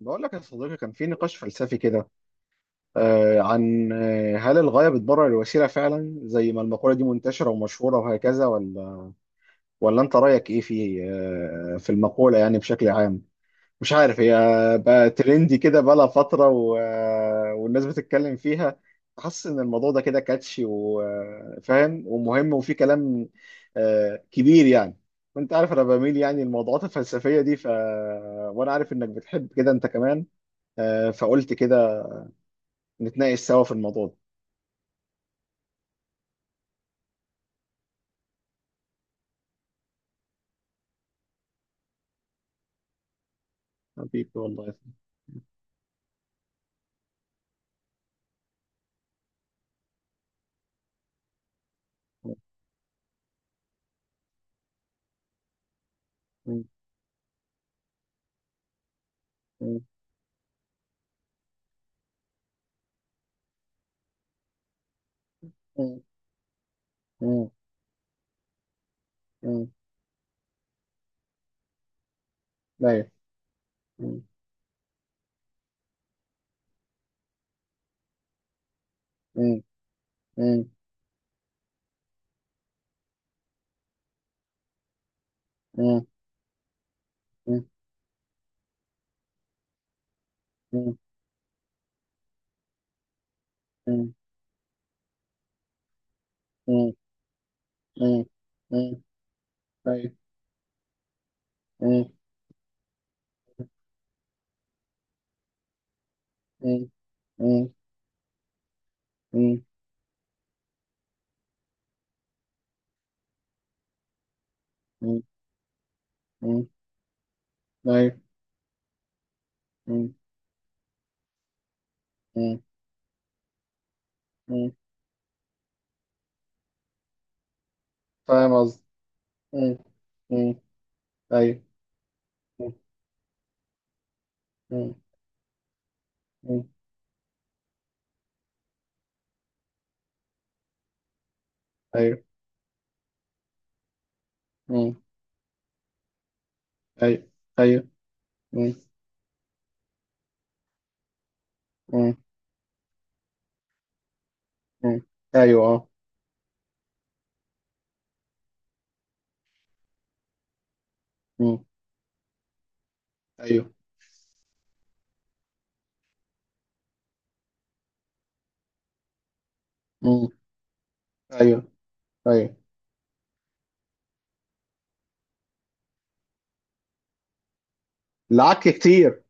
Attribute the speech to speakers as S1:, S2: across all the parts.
S1: بقول لك يا صديقي، كان في نقاش فلسفي كده. عن هل الغاية بتبرر الوسيلة فعلا، زي ما المقولة دي منتشرة ومشهورة وهكذا، ولا انت رأيك ايه في المقولة يعني بشكل عام؟ مش عارف، هي بقى ترندي كده بقالها فترة والناس بتتكلم فيها. حاسس ان الموضوع ده كده كاتشي وفاهم ومهم، وفي كلام كبير يعني. وانت عارف انا بميل يعني الموضوعات الفلسفية دي وانا عارف انك بتحب كده انت كمان، فقلت كده نتناقش سوا في الموضوع ده. حبيبي والله. لا، فاهم قصدي. م- م- ايوه. م- ايوه. ايوه، ايوه. م- م- م- ايوه، اه. م- ايوه. م- ايوه، ايوه. العك كتير.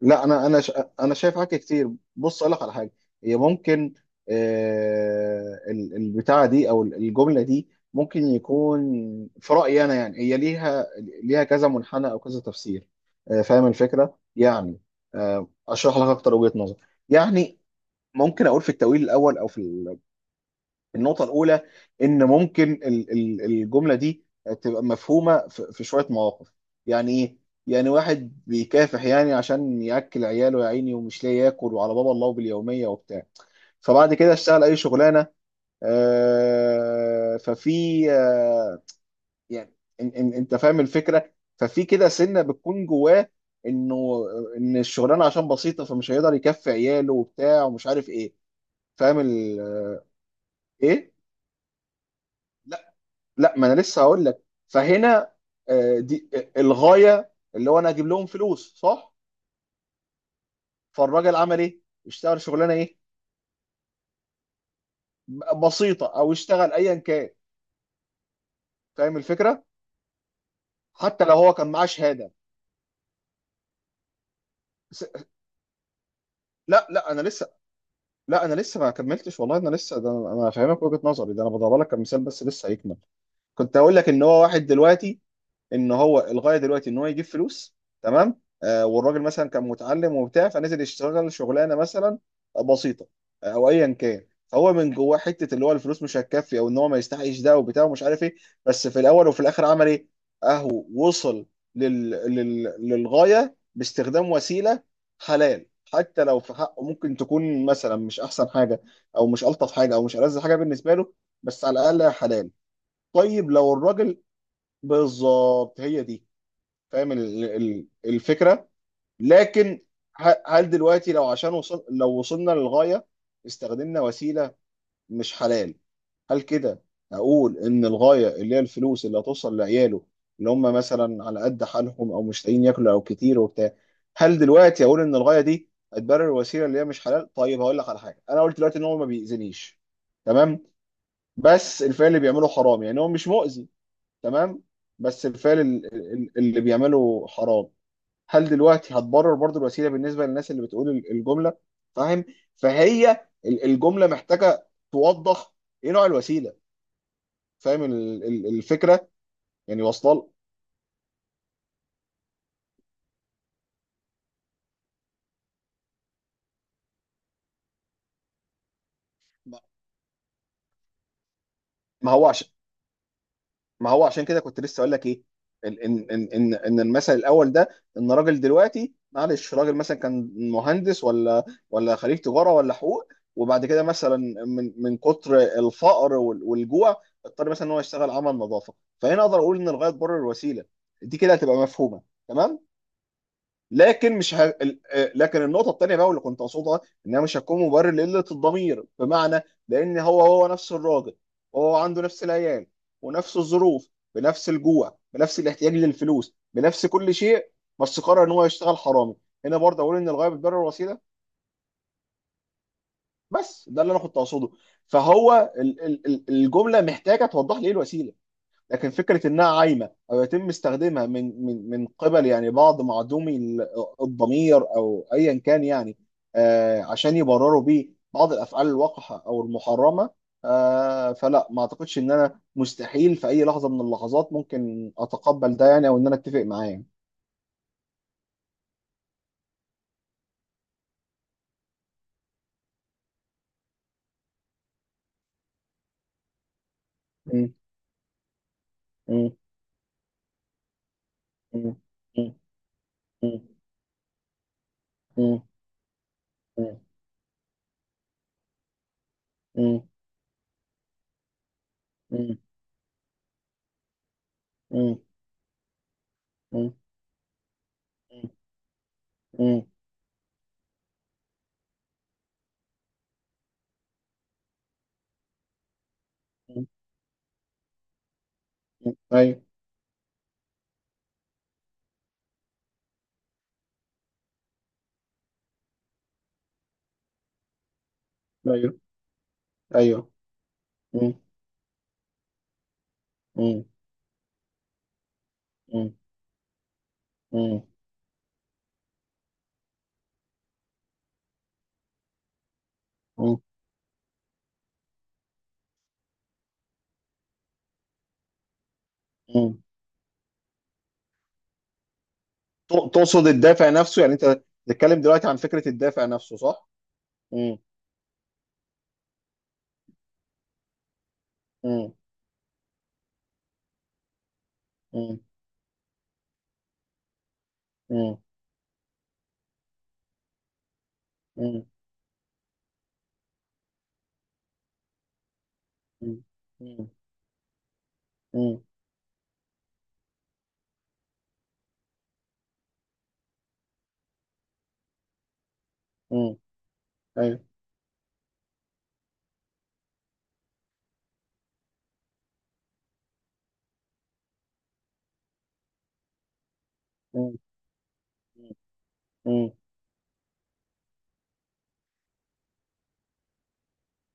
S1: لا، انا شايف حاجه كتير. بص اقول لك على حاجه. هي ممكن، البتاعه دي، او الجمله دي ممكن يكون، في رايي انا يعني، هي ليها كذا منحنى او كذا تفسير. فاهم الفكره يعني. اشرح لك اكتر وجهه نظر يعني. ممكن اقول في التاويل الاول، او في النقطة الأولى، إن ممكن الجملة دي تبقى مفهومة في شوية مواقف. يعني إيه؟ يعني واحد بيكافح يعني عشان يأكل عياله، يا عيني، ومش لاقي ياكل، وعلى بابا الله باليومية وبتاع، فبعد كده اشتغل أي شغلانة، آه، ففي آه، يعني أنت فاهم الفكرة. ففي كده سنة بتكون جواه، إنه إن الشغلانة عشان بسيطة فمش هيقدر يكفي عياله وبتاع ومش عارف إيه. فاهم إيه؟ لا، ما انا لسه هقول لك. فهنا آه، دي آه، الغايه اللي هو انا اجيب لهم فلوس، صح؟ فالراجل عمل ايه؟ اشتغل شغلانه ايه؟ بسيطه، او اشتغل ايا كان. فاهم الفكره. حتى لو هو كان معاه شهاده. بس- لا، لا انا لسه، ما كملتش والله. انا لسه، ده انا، فاهمك وجهه نظري، ده انا بضرب لك كمثال بس، لسه هيكمل. كنت هقول لك ان هو واحد دلوقتي، ان هو الغايه دلوقتي ان هو يجيب فلوس. تمام. والراجل مثلا كان متعلم وبتاع، فنزل يشتغل شغلانه مثلا بسيطه، او ايا كان، فهو من جواه حته اللي هو الفلوس مش هتكفي، او ان هو ما يستحقش ده وبتاع ومش عارف ايه. بس في الاول وفي الاخر عمل ايه؟ اهو وصل للغايه باستخدام وسيله حلال. حتى لو في حقه ممكن تكون مثلا مش احسن حاجه، او مش الطف حاجه، او مش ألذ حاجه بالنسبه له، بس على الاقل حلال. طيب لو الراجل... بالظبط هي دي. فاهم الفكره. لكن هل دلوقتي، لو وصلنا للغايه استخدمنا وسيله مش حلال، هل كده اقول ان الغايه، اللي هي الفلوس اللي هتوصل لعياله، اللي هم مثلا على قد حالهم، او مش لاقيين ياكلوا او كتير وبتاع، هل دلوقتي اقول ان الغايه دي هتبرر الوسيله اللي هي مش حلال؟ طيب هقول لك على حاجه. انا قلت دلوقتي ان هو ما بيأذينيش، تمام، بس الفعل اللي بيعمله حرام. يعني هو مش مؤذي، تمام، بس الفعل اللي بيعمله حرام. هل دلوقتي هتبرر برضو الوسيله بالنسبه للناس اللي بتقول الجمله؟ فاهم. فهي الجمله محتاجه توضح ايه نوع الوسيله. فاهم الفكره يعني، واصله؟ ل- ما هو عشان ما هو عشان كده كنت لسه اقول لك ايه، ان ان ان ان إن المثل الاول ده، ان راجل دلوقتي، معلش، راجل مثلا كان مهندس، ولا خريج تجاره ولا حقوق، وبعد كده مثلا من كتر الفقر والجوع، اضطر مثلا ان هو يشتغل عمل نظافه. فهنا اقدر اقول ان الغايه تبرر الوسيله. دي كده هتبقى مفهومه، تمام. لكن مش ه... ال- آه، لكن النقطه الثانيه بقى، واللي كنت اقصدها، ان انا مش هكون مبرر لقله الضمير، بمعنى، لان هو، نفس الراجل، وهو عنده نفس العيال ونفس الظروف، بنفس الجوع، بنفس الاحتياج للفلوس، بنفس كل شيء، بس قرر ان هو يشتغل حرامي. هنا برضه اقول ان الغايه بتبرر الوسيله؟ بس ده اللي انا كنت اقصده. فهو الجمله محتاجه توضح لي ايه الوسيله. لكن فكره انها عايمه، او يتم استخدامها من قبل يعني بعض معدومي الضمير، او ايا كان يعني، عشان يبرروا بيه بعض الافعال الوقحه او المحرمه، فلا، ما اعتقدش ان انا، مستحيل في اي لحظه من اللحظات ممكن اتقبل ده يعني، او ان انا اتفق معاه يعني. م- م- م- م- م- م- م- م- م- م- م- م- ايوه، ايوه، ايوه. م- م- م- م- مم. مم. تقصد الدافع نفسه يعني انت؟ بتتكلم دلوقتي عن فكرة الدافع نفسه، صح؟ مم. مم. مم. مم. مم. مم. مم. مم. مم. ايوه. مم. مم. مم.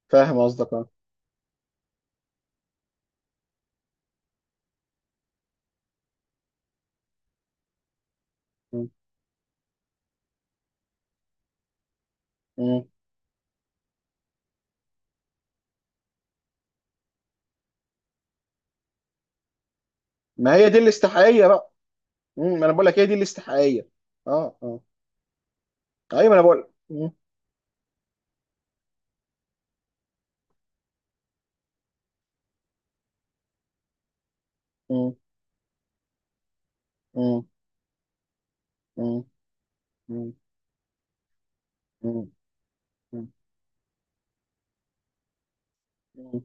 S1: فاهم قصدك، اه. مم. مم. ما هي دي الاستحقاقية بقى. مم. ما انا بقول لك هي دي الاستحقاقية. اه، اه، ايوه. ما انا بقول. مم. مم. مم. مم. مم. مم. مم.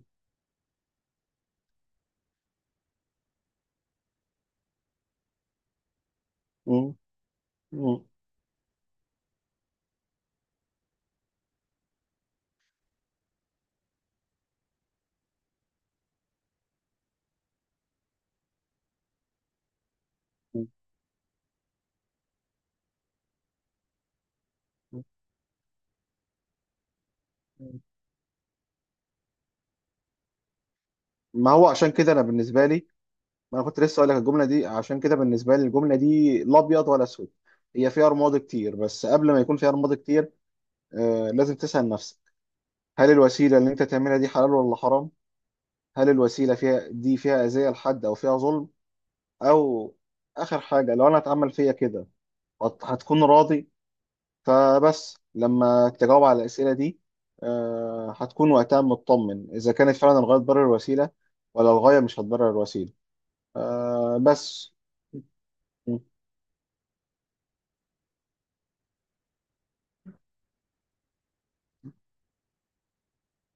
S1: مم. مم. مم. ما هو عشان كده انا بالنسبة لي، ما انا كنت لسه اقول لك، الجمله دي عشان كده بالنسبه لي، الجمله دي لا ابيض ولا اسود، هي فيها رماد كتير، بس قبل ما يكون فيها رماد كتير، لازم تسال نفسك، هل الوسيله اللي انت تعملها دي حلال ولا حرام؟ هل الوسيله فيها، دي فيها اذيه لحد او فيها ظلم؟ او اخر حاجه، لو انا اتعمل فيا كده هتكون راضي؟ فبس لما تجاوب على الاسئله دي، هتكون وقتها مطمن، اذا كانت فعلا الغايه تبرر الوسيله، ولا الغايه مش هتبرر الوسيله. بس